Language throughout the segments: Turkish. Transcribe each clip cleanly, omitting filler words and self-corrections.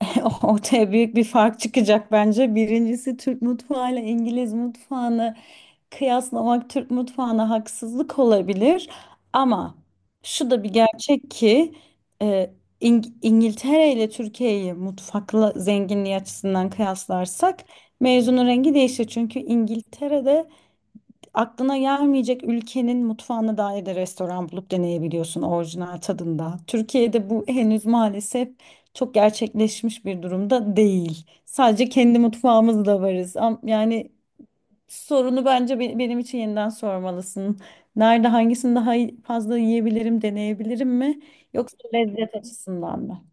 Ortaya büyük bir fark çıkacak bence. Birincisi Türk mutfağıyla İngiliz mutfağını kıyaslamak Türk mutfağına haksızlık olabilir. Ama şu da bir gerçek ki e, İngiltere ile Türkiye'yi mutfakla zenginliği açısından kıyaslarsak mevzunun rengi değişir. Çünkü İngiltere'de aklına gelmeyecek ülkenin mutfağına dair de restoran bulup deneyebiliyorsun orijinal tadında. Türkiye'de bu henüz maalesef çok gerçekleşmiş bir durumda değil. Sadece kendi mutfağımızda varız. Yani sorunu bence benim için yeniden sormalısın. Nerede hangisini fazla yiyebilirim, deneyebilirim mi? Yoksa lezzet açısından mı?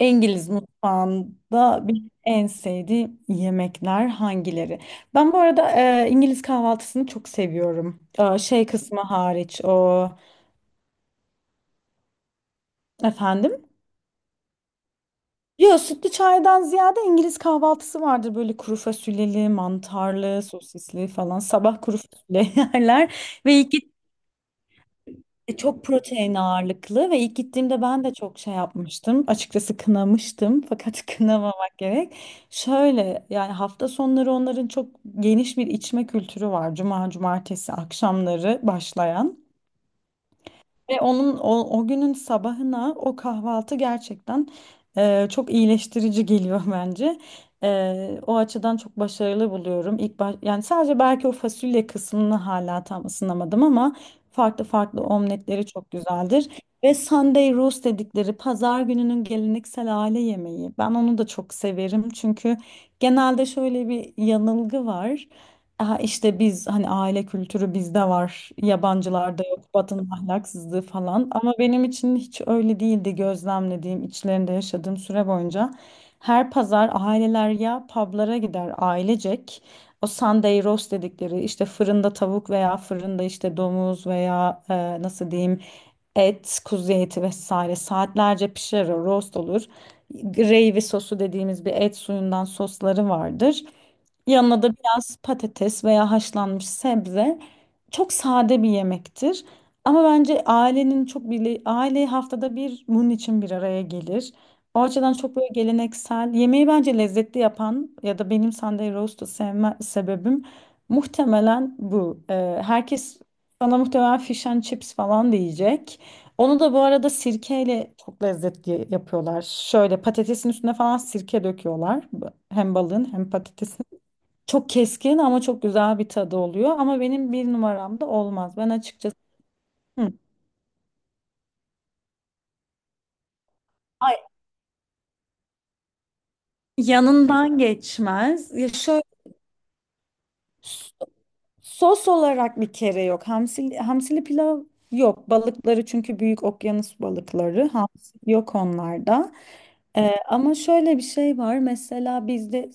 İngiliz mutfağında bir en sevdiğim yemekler hangileri? Ben bu arada İngiliz kahvaltısını çok seviyorum. Şey kısmı hariç o efendim. Yo, sütlü çaydan ziyade İngiliz kahvaltısı vardır, böyle kuru fasulyeli, mantarlı, sosisli falan. Sabah kuru fasulye yerler ve iki çok protein ağırlıklı ve ilk gittiğimde ben de çok şey yapmıştım. Açıkçası kınamıştım fakat kınamamak gerek. Şöyle yani hafta sonları onların çok geniş bir içme kültürü var. Cuma, cumartesi akşamları başlayan. Ve onun o günün sabahına o kahvaltı gerçekten çok iyileştirici geliyor bence. O açıdan çok başarılı buluyorum. İlk baş, yani sadece belki o fasulye kısmını hala tam ısınamadım ama farklı farklı omletleri çok güzeldir. Ve Sunday roast dedikleri pazar gününün geleneksel aile yemeği. Ben onu da çok severim çünkü genelde şöyle bir yanılgı var. Aha işte biz hani aile kültürü bizde var, yabancılarda yok, Batı'nın ahlaksızlığı falan. Ama benim için hiç öyle değildi gözlemlediğim, içlerinde yaşadığım süre boyunca. Her pazar aileler ya publara gider ailecek. O Sunday roast dedikleri işte fırında tavuk veya fırında işte domuz veya nasıl diyeyim, et, kuzu eti vesaire saatlerce pişer, o roast olur. Gravy sosu dediğimiz bir et suyundan sosları vardır. Yanına da biraz patates veya haşlanmış sebze, çok sade bir yemektir. Ama bence ailenin çok bile aile haftada bir bunun için bir araya gelir. O açıdan çok böyle geleneksel yemeği bence lezzetli yapan ya da benim Sunday roast'u sevme sebebim muhtemelen bu. Herkes bana muhtemelen fish and chips falan diyecek. Onu da bu arada sirkeyle çok lezzetli yapıyorlar. Şöyle patatesin üstüne falan sirke döküyorlar. Hem balığın hem patatesin. Çok keskin ama çok güzel bir tadı oluyor. Ama benim bir numaramda olmaz. Ben açıkçası hı. Ay, yanından geçmez. Ya şöyle, sos olarak bir kere yok. Hamsili pilav yok. Balıkları çünkü büyük okyanus balıkları. Hamsi yok onlarda. Ama şöyle bir şey var. Mesela bizde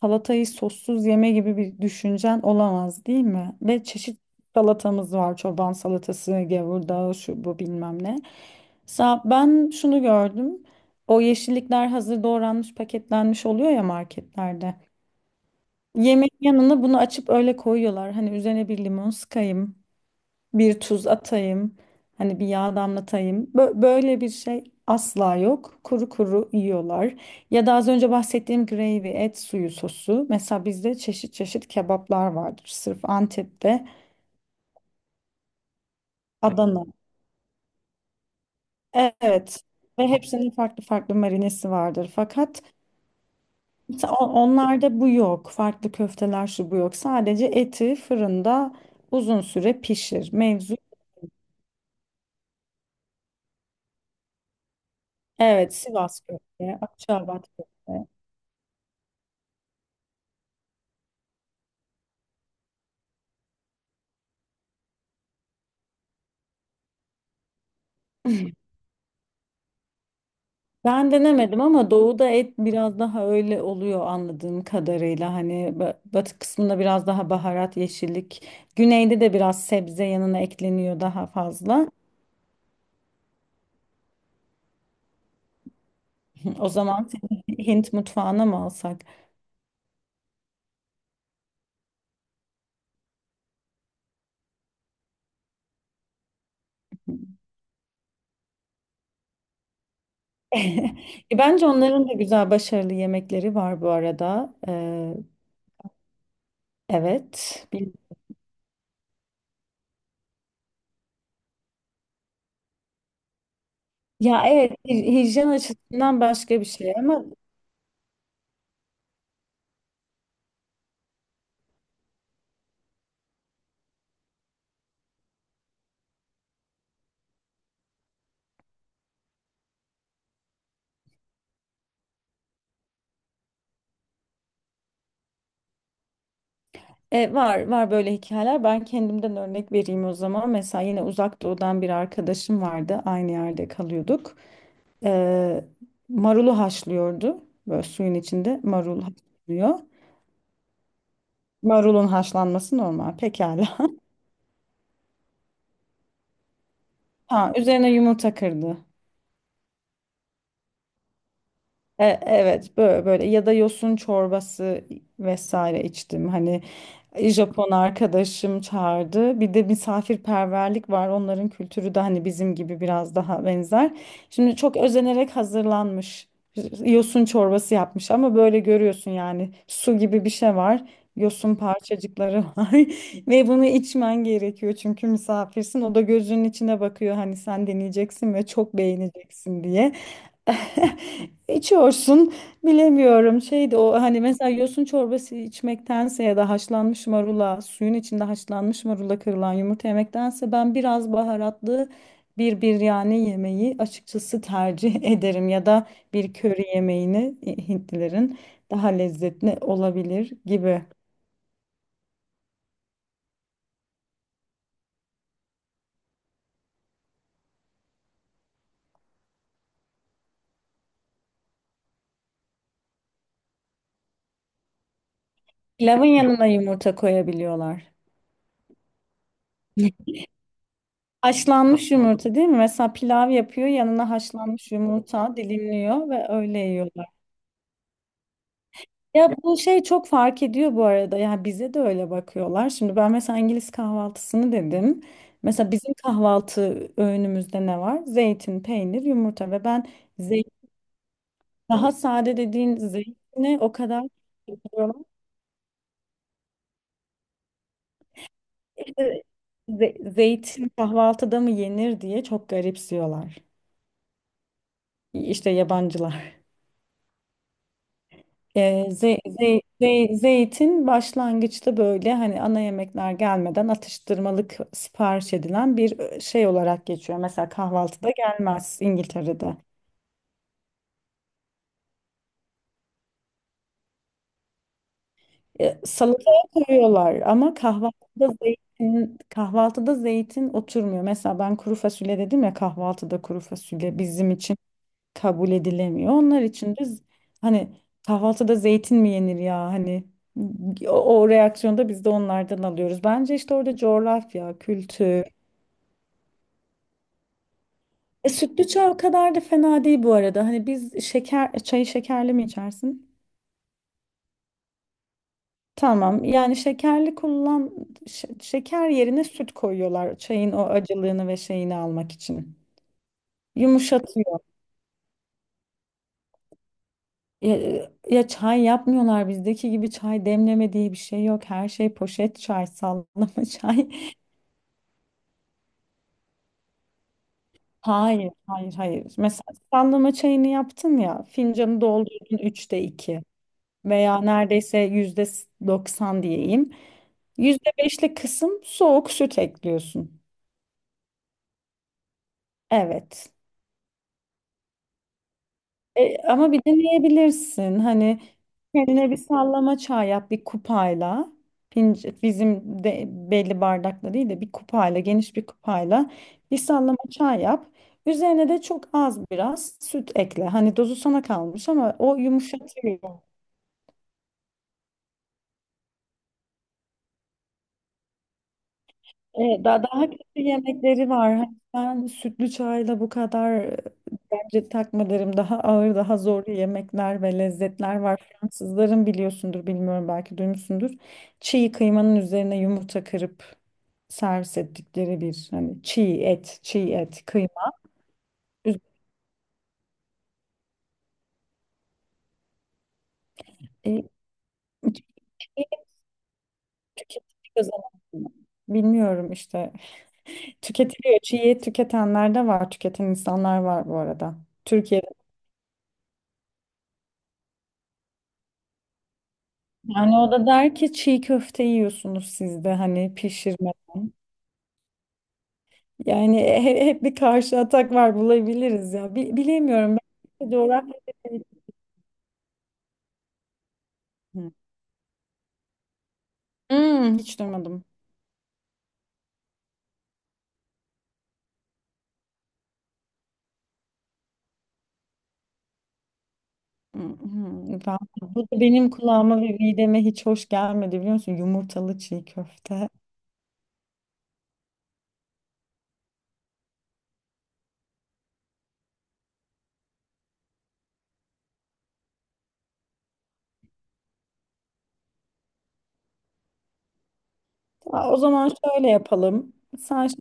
salatayı sossuz yeme gibi bir düşüncen olamaz değil mi? Ve çeşit salatamız var. Çoban salatası, gevurdağı, şu bu bilmem ne. Sa ben şunu gördüm. O yeşillikler hazır doğranmış, paketlenmiş oluyor ya marketlerde. Yemeğin yanına bunu açıp öyle koyuyorlar. Hani üzerine bir limon sıkayım, bir tuz atayım, hani bir yağ damlatayım. Böyle bir şey asla yok. Kuru kuru yiyorlar. Ya da az önce bahsettiğim gravy, et suyu sosu. Mesela bizde çeşit çeşit kebaplar vardır. Sırf Antep'te, Adana. Evet. Ve hepsinin farklı farklı marinesi vardır. Fakat mesela onlarda bu yok. Farklı köfteler şu bu yok. Sadece eti fırında uzun süre pişir. Mevzu evet, Sivas köfte, Akçaabat köfte. Ben denemedim ama doğuda et biraz daha öyle oluyor anladığım kadarıyla. Hani batı kısmında biraz daha baharat, yeşillik. Güneyde de biraz sebze yanına ekleniyor daha fazla. O zaman seni Hint mutfağına mı alsak? Bence onların da güzel, başarılı yemekleri var bu arada. Evet. Ya evet, hijyen açısından başka bir şey ama var var böyle hikayeler. Ben kendimden örnek vereyim o zaman. Mesela yine uzak doğudan bir arkadaşım vardı. Aynı yerde kalıyorduk. E, Marulu haşlıyordu. Böyle suyun içinde marul haşlıyor. Marulun haşlanması normal. Pekala. Ha, üzerine yumurta kırdı. Evet, böyle, böyle ya da yosun çorbası vesaire içtim. Hani Japon arkadaşım çağırdı. Bir de misafirperverlik var. Onların kültürü de hani bizim gibi biraz daha benzer. Şimdi çok özenerek hazırlanmış yosun çorbası yapmış ama böyle görüyorsun yani su gibi bir şey var. Yosun parçacıkları var ve bunu içmen gerekiyor çünkü misafirsin. O da gözünün içine bakıyor, hani sen deneyeceksin ve çok beğeneceksin diye. İçiyorsun, bilemiyorum şeydi o, hani mesela yosun çorbası içmektense ya da haşlanmış marula suyun içinde haşlanmış marula kırılan yumurta yemektense ben biraz baharatlı bir biryani yemeği açıkçası tercih ederim ya da bir köri yemeğini Hintlilerin daha lezzetli olabilir gibi. Pilavın yanına yumurta koyabiliyorlar. Haşlanmış yumurta değil mi? Mesela pilav yapıyor, yanına haşlanmış yumurta dilimliyor ve öyle yiyor. Ya bu şey çok fark ediyor bu arada. Ya bize de öyle bakıyorlar. Şimdi ben mesela İngiliz kahvaltısını dedim. Mesela bizim kahvaltı öğünümüzde ne var? Zeytin, peynir, yumurta ve ben zeytin, daha sade dediğin zeytine o kadar bakıyorlar. İşte zeytin kahvaltıda mı yenir diye çok garipsiyorlar. İşte yabancılar. Zeytin başlangıçta böyle hani ana yemekler gelmeden atıştırmalık sipariş edilen bir şey olarak geçiyor. Mesela kahvaltıda gelmez İngiltere'de. Salataya koyuyorlar ama kahvaltıda zeytin, kahvaltıda zeytin oturmuyor. Mesela ben kuru fasulye dedim ya, kahvaltıda kuru fasulye bizim için kabul edilemiyor. Onlar için de hani kahvaltıda zeytin mi yenir, ya hani o, o reaksiyonda biz de onlardan alıyoruz. Bence işte orada coğrafya, kültür. Sütlü çay o kadar da fena değil bu arada. Hani biz şeker çayı şekerli mi içersin? Tamam. Yani şekerli kullan, şeker yerine süt koyuyorlar çayın o acılığını ve şeyini almak için. Yumuşatıyor. Ya, ya çay yapmıyorlar bizdeki gibi, çay demleme diye bir şey yok. Her şey poşet çay, sallama çay. Hayır, hayır, hayır. Mesela sallama çayını yaptın ya, fincanı doldurdun üçte iki veya neredeyse yüzde doksan diyeyim. Yüzde beşlik kısım soğuk süt ekliyorsun. Evet. Ama bir deneyebilirsin. Hani kendine bir sallama çay yap bir kupayla. Bizim de belli bardakla değil de bir kupayla, geniş bir kupayla bir sallama çay yap. Üzerine de çok az biraz süt ekle. Hani dozu sana kalmış ama o yumuşatıyor. Evet, daha kötü yemekleri var. Hani ben sütlü çayla bu kadar bence takma derim. Daha ağır, daha zor yemekler ve lezzetler var. Fransızların biliyorsundur, bilmiyorum belki duymuşsundur. Çiğ kıymanın üzerine yumurta kırıp servis ettikleri bir, hani çiğ et, çiğ et, kıyma. Üz- E, Çiğ et tüketiliyor zaten. Bilmiyorum işte. Tüketiliyor. Çiğ et tüketenler de var. Tüketen insanlar var bu arada. Türkiye'de. Yani o da der ki çiğ köfte yiyorsunuz siz de hani pişirmeden. Yani hep bir karşı atak var bulabiliriz ya. Bilemiyorum. Ben coğrafya. Hı. Hmm, hiç duymadım. Mhm. Ben, bu da benim kulağıma ve mideme hiç hoş gelmedi biliyor musun? Yumurtalı çiğ köfte. Ya, o zaman şöyle yapalım. Sen ş-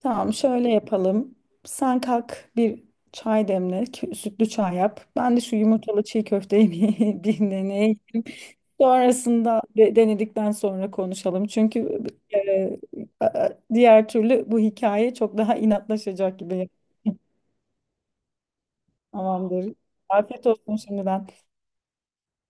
tamam, şöyle yapalım. Sen kalk bir çay demle, sütlü çay yap. Ben de şu yumurtalı çiğ köfteyi bir deneyeyim. Sonrasında denedikten sonra konuşalım. Çünkü e, a- diğer türlü bu hikaye çok daha inatlaşacak gibi. Tamamdır. Afiyet olsun şimdiden.